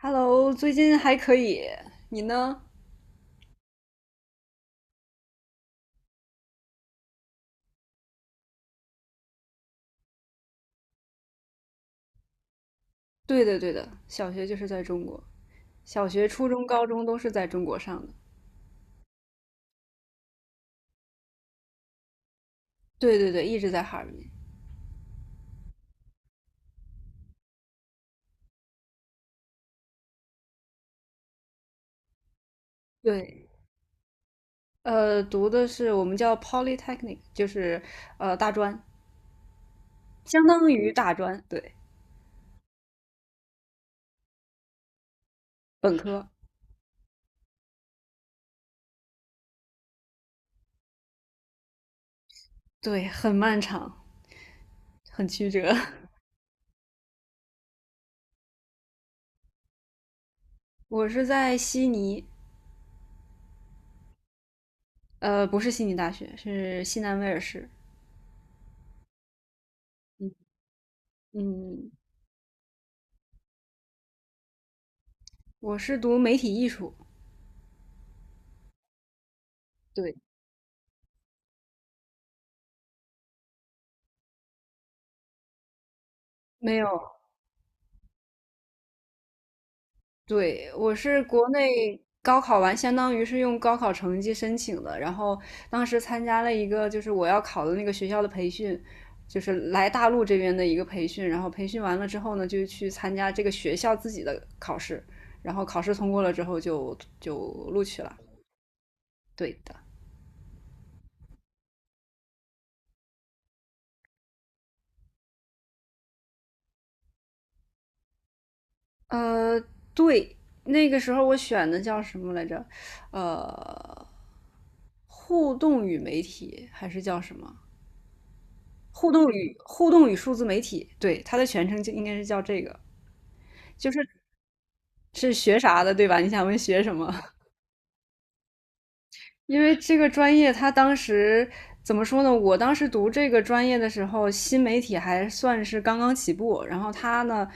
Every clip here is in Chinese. Hello，最近还可以，你呢？对的，对的，小学就是在中国，小学、初中、高中都是在中国上的。对对对，一直在哈尔滨。对，读的是我们叫 polytechnic,就是大专，相当于大专，对，本科。对，很漫长，很曲折。我是在悉尼，不是悉尼大学，是西南威尔士。嗯，我是读媒体艺术。对，没有，对，我是国内高考完，相当于是用高考成绩申请的，然后当时参加了一个就是我要考的那个学校的培训，就是来大陆这边的一个培训，然后培训完了之后呢，就去参加这个学校自己的考试，然后考试通过了之后就录取了。对的，呃，对，那个时候我选的叫什么来着？呃，互动与媒体还是叫什么？互动与数字媒体，对，它的全称就应该是叫这个，就是是学啥的，对吧？你想问学什么？因为这个专业，它当时怎么说呢？我当时读这个专业的时候，新媒体还算是刚刚起步，然后它呢，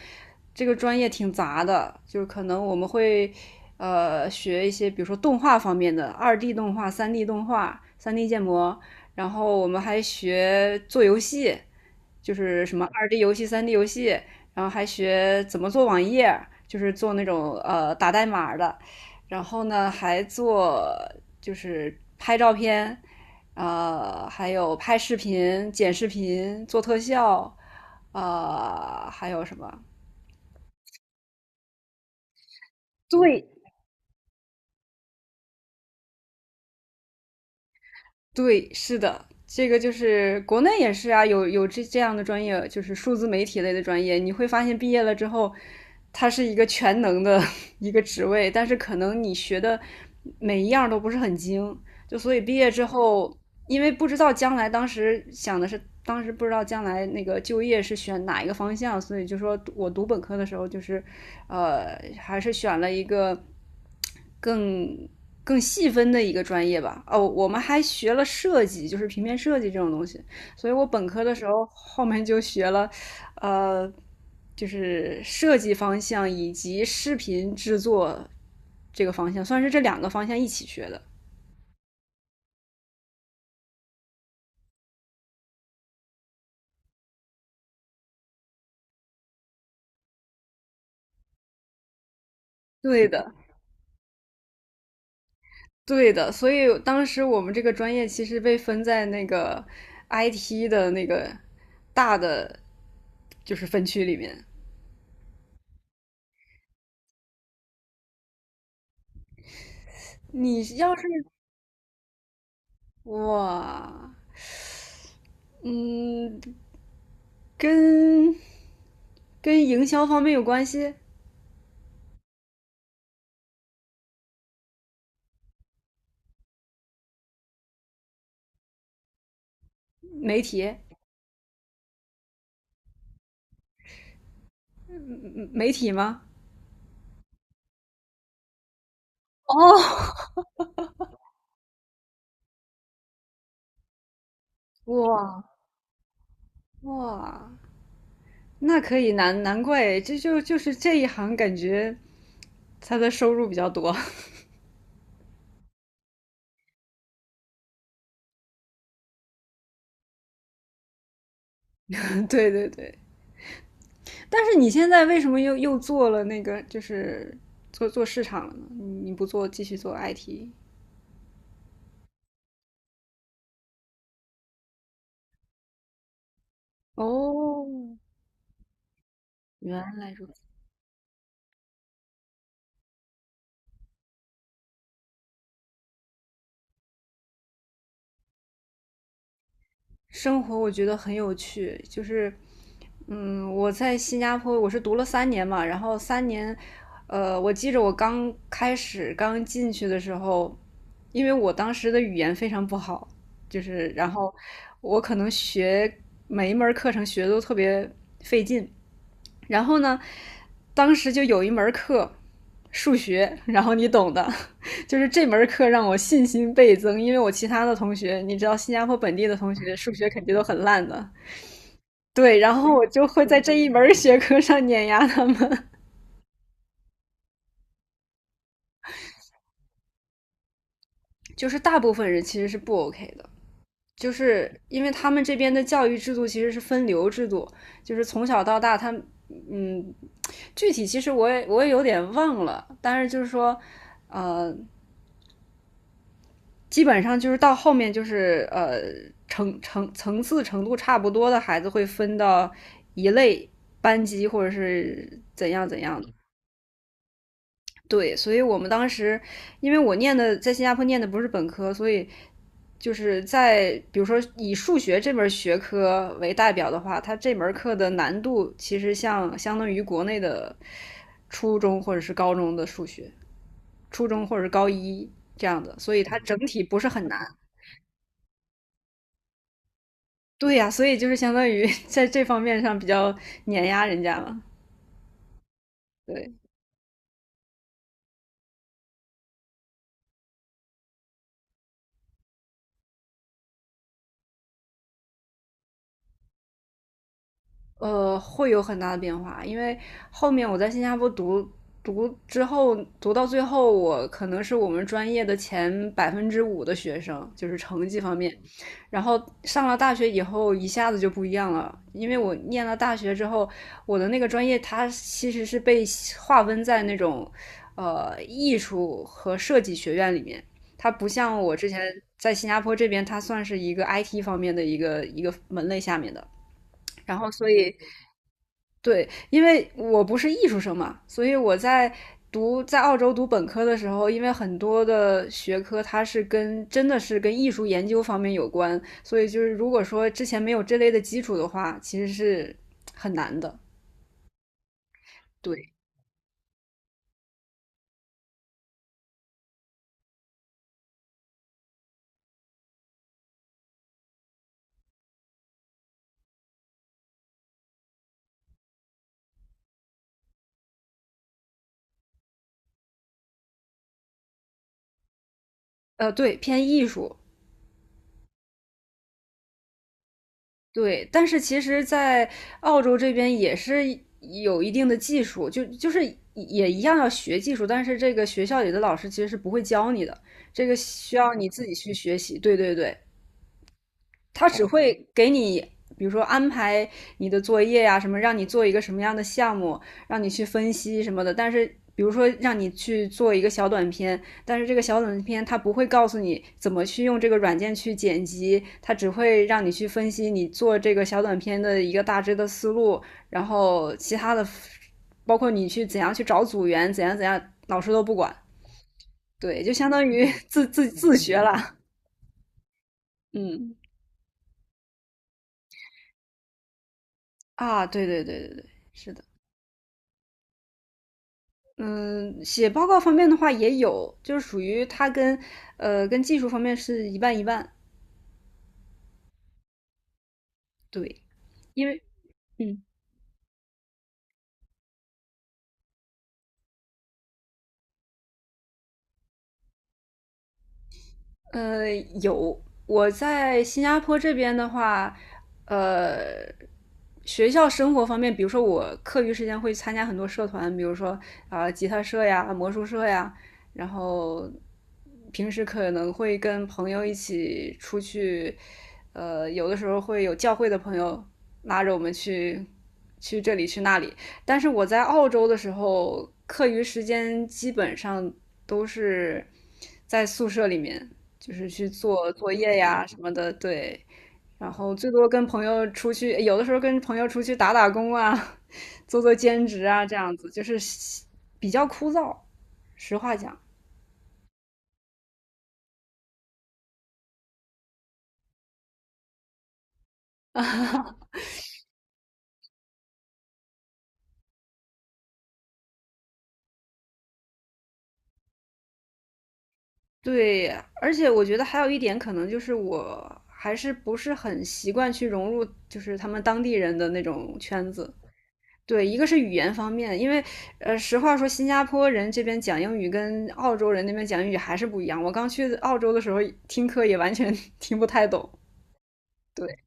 这个专业挺杂的，就是可能我们会学一些，比如说动画方面的，二 D 动画、三 D 动画、三 D 建模，然后我们还学做游戏。就是什么二 D 游戏、三 D 游戏，然后还学怎么做网页，就是做那种打代码的，然后呢还做就是拍照片，还有拍视频、剪视频、做特效，还有什么？对，对，是的，这个就是国内也是啊，有这样的专业，就是数字媒体类的专业，你会发现毕业了之后，它是一个全能的一个职位，但是可能你学的每一样都不是很精，就所以毕业之后，因为不知道将来，当时想的是，当时不知道将来那个就业是选哪一个方向，所以就说我读本科的时候就是，还是选了一个更更细分的一个专业吧。哦，我们还学了设计，就是平面设计这种东西。所以我本科的时候后面就学了，呃，就是设计方向以及视频制作这个方向，算是这两个方向一起学的。对的，对的。所以当时我们这个专业其实被分在那个 IT 的那个大的就是分区里面。你要是哇，嗯，跟跟营销方面有关系？媒体，嗯媒体吗？哦，哇，哇，那可以难怪，这就是这一行感觉他的收入比较多。对对对，但是你现在为什么又做了那个，就是做做市场了呢？你不做继续做 IT?哦，原来如生活我觉得很有趣，就是，嗯，我在新加坡我是读了三年嘛，然后三年，我记着我刚开始刚进去的时候，因为我当时的语言非常不好，就是然后我可能学每一门儿课程学的都特别费劲，然后呢，当时就有一门课，数学，然后你懂的，就是这门课让我信心倍增，因为我其他的同学，你知道新加坡本地的同学数学肯定都很烂的，对，然后我就会在这一门学科上碾压他们，就是大部分人其实是不 OK 的。就是因为他们这边的教育制度其实是分流制度，就是从小到大他，嗯，具体其实我也有点忘了，但是就是说，基本上就是到后面就是层次程度差不多的孩子会分到一类班级或者是怎样怎样的。对，所以我们当时因为我念的在新加坡念的不是本科，所以就是在比如说以数学这门学科为代表的话，它这门课的难度其实像相当于国内的初中或者是高中的数学，初中或者是高一这样的，所以它整体不是很难。对呀、所以就是相当于 在这方面上比较碾压人家嘛。对，会有很大的变化，因为后面我在新加坡读之后，读到最后，我可能是我们专业的前百分之五的学生，就是成绩方面。然后上了大学以后，一下子就不一样了，因为我念了大学之后，我的那个专业它其实是被划分在那种艺术和设计学院里面，它不像我之前在新加坡这边，它算是一个 IT 方面的一个门类下面的。然后所以对，因为我不是艺术生嘛，所以我在澳洲读本科的时候，因为很多的学科它是跟真的是跟艺术研究方面有关，所以就是如果说之前没有这类的基础的话，其实是很难的。对，对，偏艺术。对，但是其实，在澳洲这边也是有一定的技术，就是也一样要学技术，但是这个学校里的老师其实是不会教你的，这个需要你自己去学习。对对对，他只会给你，比如说安排你的作业呀、啊什么，让你做一个什么样的项目，让你去分析什么的。但是，比如说让你去做一个小短片，但是这个小短片它不会告诉你怎么去用这个软件去剪辑，它只会让你去分析你做这个小短片的一个大致的思路，然后其他的，包括你去怎样去找组员，怎样怎样，老师都不管。对，就相当于 自学了。嗯啊，对对对对对，是的。嗯，写报告方面的话也有，就是属于它跟技术方面是一半一半。对，因为嗯呃有我在新加坡这边的话，呃学校生活方面，比如说我课余时间会参加很多社团，比如说吉他社呀、魔术社呀，然后平时可能会跟朋友一起出去，有的时候会有教会的朋友拉着我们去这里去那里。但是我在澳洲的时候，课余时间基本上都是在宿舍里面，就是去做作业呀什么的，对。然后最多跟朋友出去，有的时候跟朋友出去打打工啊，做做兼职啊，这样子就是比较枯燥。实话讲，对，而且我觉得还有一点可能就是我还是不是很习惯去融入，就是他们当地人的那种圈子。对，一个是语言方面，因为实话说，新加坡人这边讲英语跟澳洲人那边讲英语还是不一样。我刚去澳洲的时候听课也完全 听不太懂。对，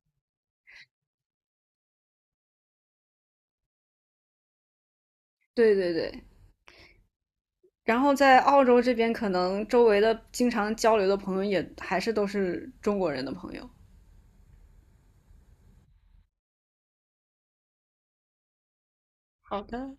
对对对，然后在澳洲这边，可能周围的经常交流的朋友也还是都是中国人的朋友。好的。